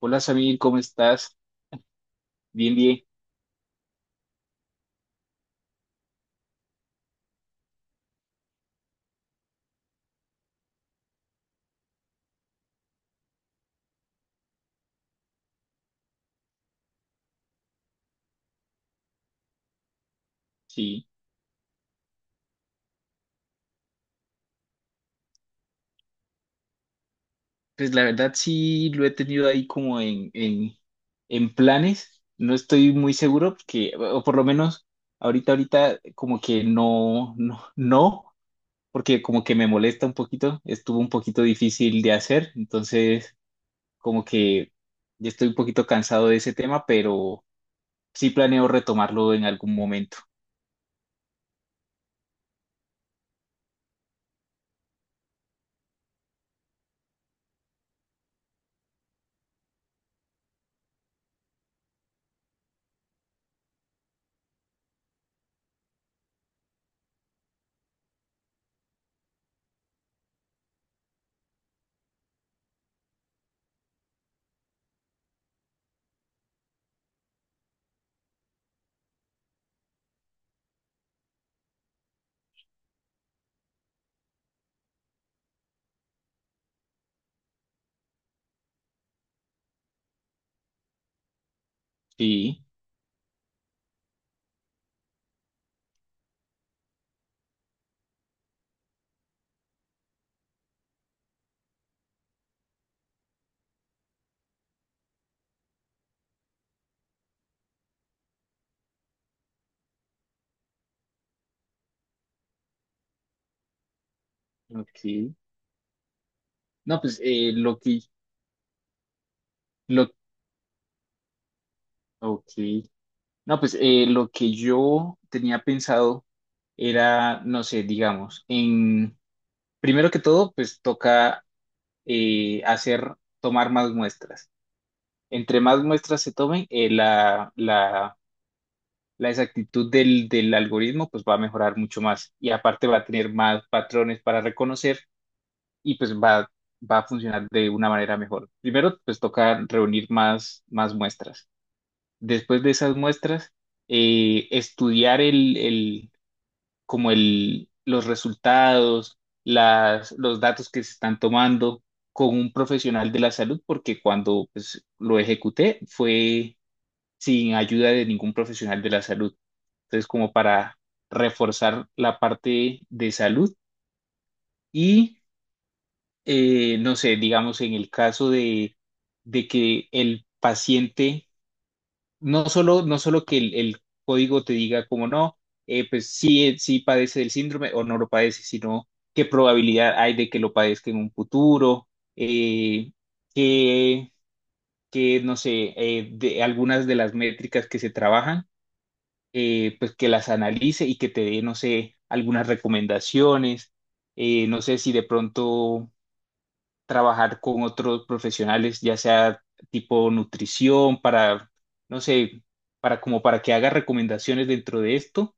Hola Samir, ¿cómo estás? Bien, bien. Sí, pues la verdad sí lo he tenido ahí como en planes. No estoy muy seguro porque, o por lo menos ahorita como que no, no, no, porque como que me molesta un poquito. Estuvo un poquito difícil de hacer, entonces como que ya estoy un poquito cansado de ese tema, pero sí planeo retomarlo en algún momento. Sí, ok. No, pues lo, ok. No, pues lo que yo tenía pensado era, no sé, digamos, en primero que todo, pues toca hacer, tomar más muestras. Entre más muestras se tomen, la exactitud del algoritmo pues va a mejorar mucho más y aparte va a tener más patrones para reconocer y pues va, va a funcionar de una manera mejor. Primero, pues toca reunir más muestras. Después de esas muestras, estudiar como los resultados, los datos que se están tomando con un profesional de la salud, porque cuando pues, lo ejecuté fue sin ayuda de ningún profesional de la salud. Entonces, como para reforzar la parte de salud y, no sé, digamos, en el caso de que el paciente no solo que el código te diga como no, pues sí, sí padece del síndrome o no lo padece, sino qué probabilidad hay de que lo padezca en un futuro, eh, que, no sé, de algunas de las métricas que se trabajan, pues que las analice y que te dé, no sé, algunas recomendaciones, no sé si de pronto trabajar con otros profesionales, ya sea tipo nutrición, para, no sé, para como para que haga recomendaciones dentro de esto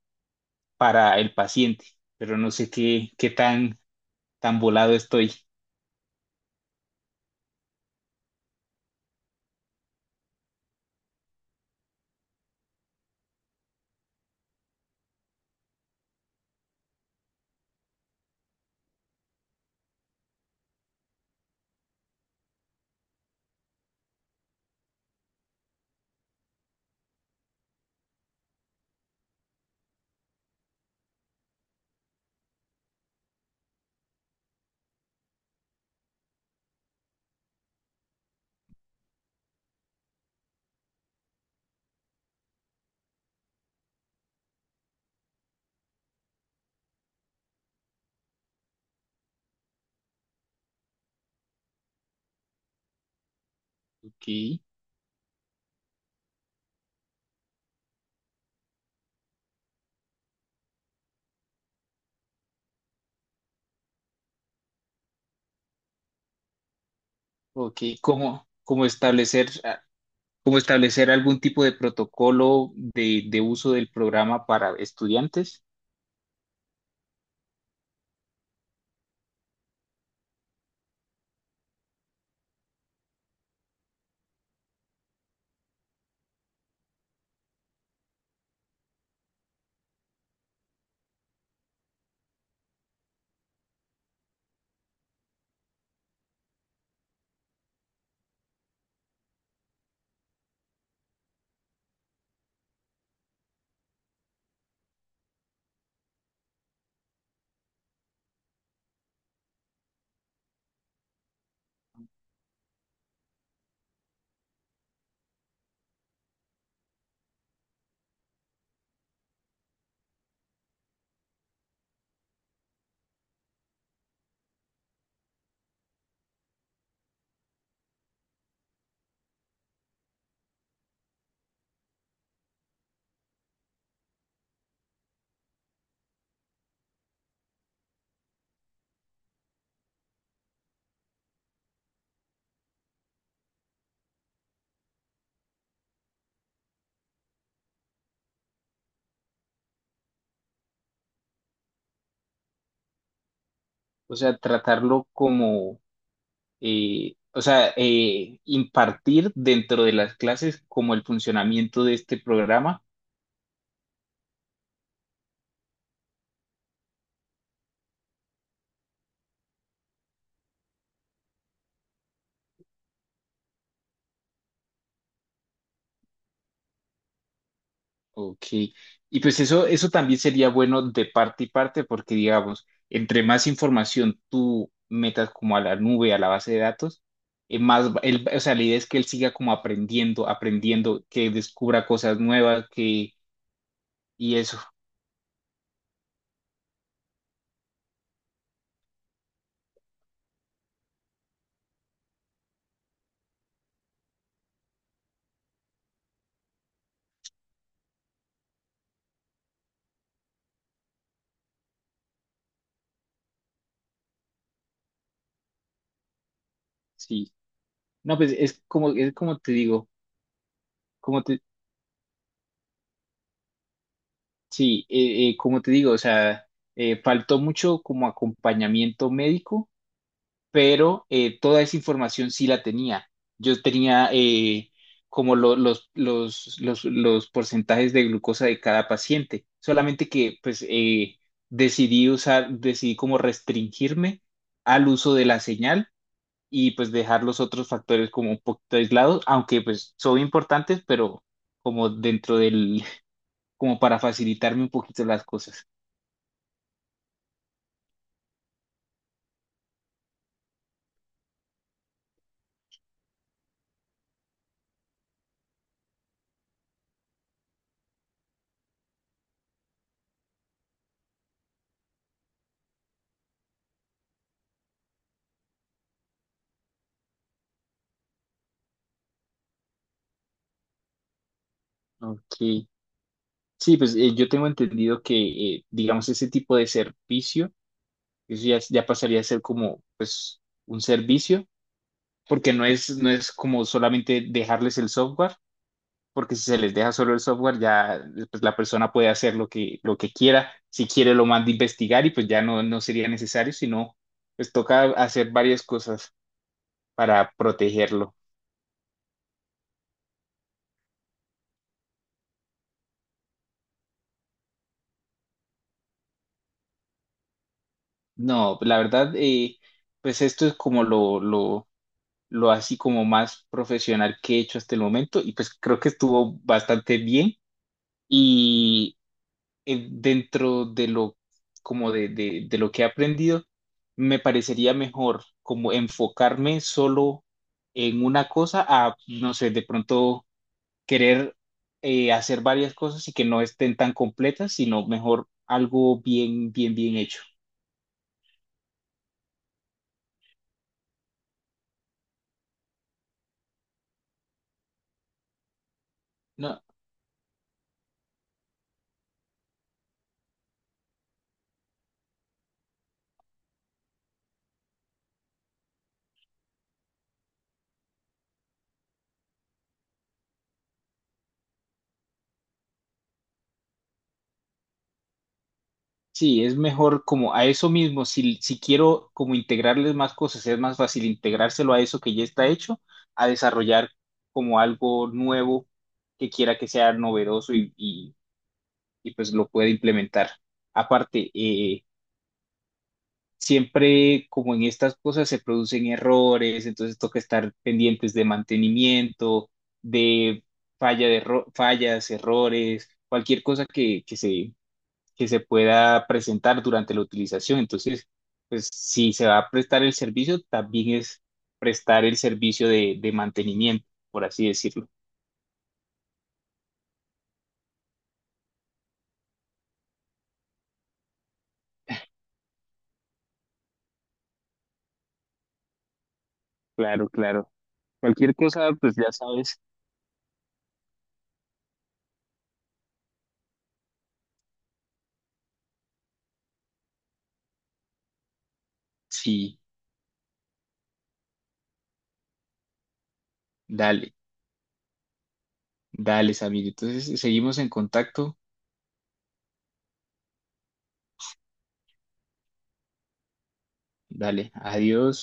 para el paciente, pero no sé qué tan, tan volado estoy. Ok, ok, ¿cómo, cómo establecer, ah, cómo establecer algún tipo de protocolo de uso del programa para estudiantes? O sea, tratarlo como o sea, impartir dentro de las clases como el funcionamiento de este programa. Ok. Y pues eso también sería bueno de parte y parte porque, digamos, entre más información tú metas como a la nube, a la base de datos, más, va- él- o sea, la idea es que él siga como aprendiendo, aprendiendo, que descubra cosas nuevas, que, y eso, sí. No, pues es como te digo. Sí, como te digo, o sea, faltó mucho como acompañamiento médico, pero toda esa información sí la tenía. Yo tenía como lo- los porcentajes de glucosa de cada paciente, solamente que pues decidí usar, decidí como restringirme al uso de la señal y pues dejar los otros factores como un poquito aislados, aunque pues son importantes, pero como dentro del, como para facilitarme un poquito las cosas. Ok. Sí, pues yo tengo entendido que, digamos, ese tipo de servicio, eso ya, ya pasaría a ser como, pues, un servicio, porque no es como solamente dejarles el software, porque si se les deja solo el software, ya pues, la persona puede hacer lo que quiera, si quiere lo manda a investigar y pues ya no, no sería necesario, sino pues toca hacer varias cosas para protegerlo. No, la verdad, pues esto es como lo así como más profesional que he hecho hasta el momento y pues creo que estuvo bastante bien y dentro de lo como de lo que he aprendido me parecería mejor como enfocarme solo en una cosa a no sé de pronto querer hacer varias cosas y que no estén tan completas sino mejor algo bien bien bien hecho. No, sí, es mejor como a eso mismo, si, si quiero como integrarles más cosas, es más fácil integrárselo a eso que ya está hecho, a desarrollar como algo nuevo que quiera que sea novedoso y, pues lo pueda implementar. Aparte, siempre como en estas cosas se producen errores, entonces toca estar pendientes de mantenimiento, de falla de erro- fallas, errores, cualquier cosa que, que se pueda presentar durante la utilización. Entonces, pues si se va a prestar el servicio, también es prestar el servicio de mantenimiento, por así decirlo. Claro, claro. Cualquier cosa, pues ya sabes. Sí, dale, dale, Samir. Entonces, seguimos en contacto. Dale, adiós.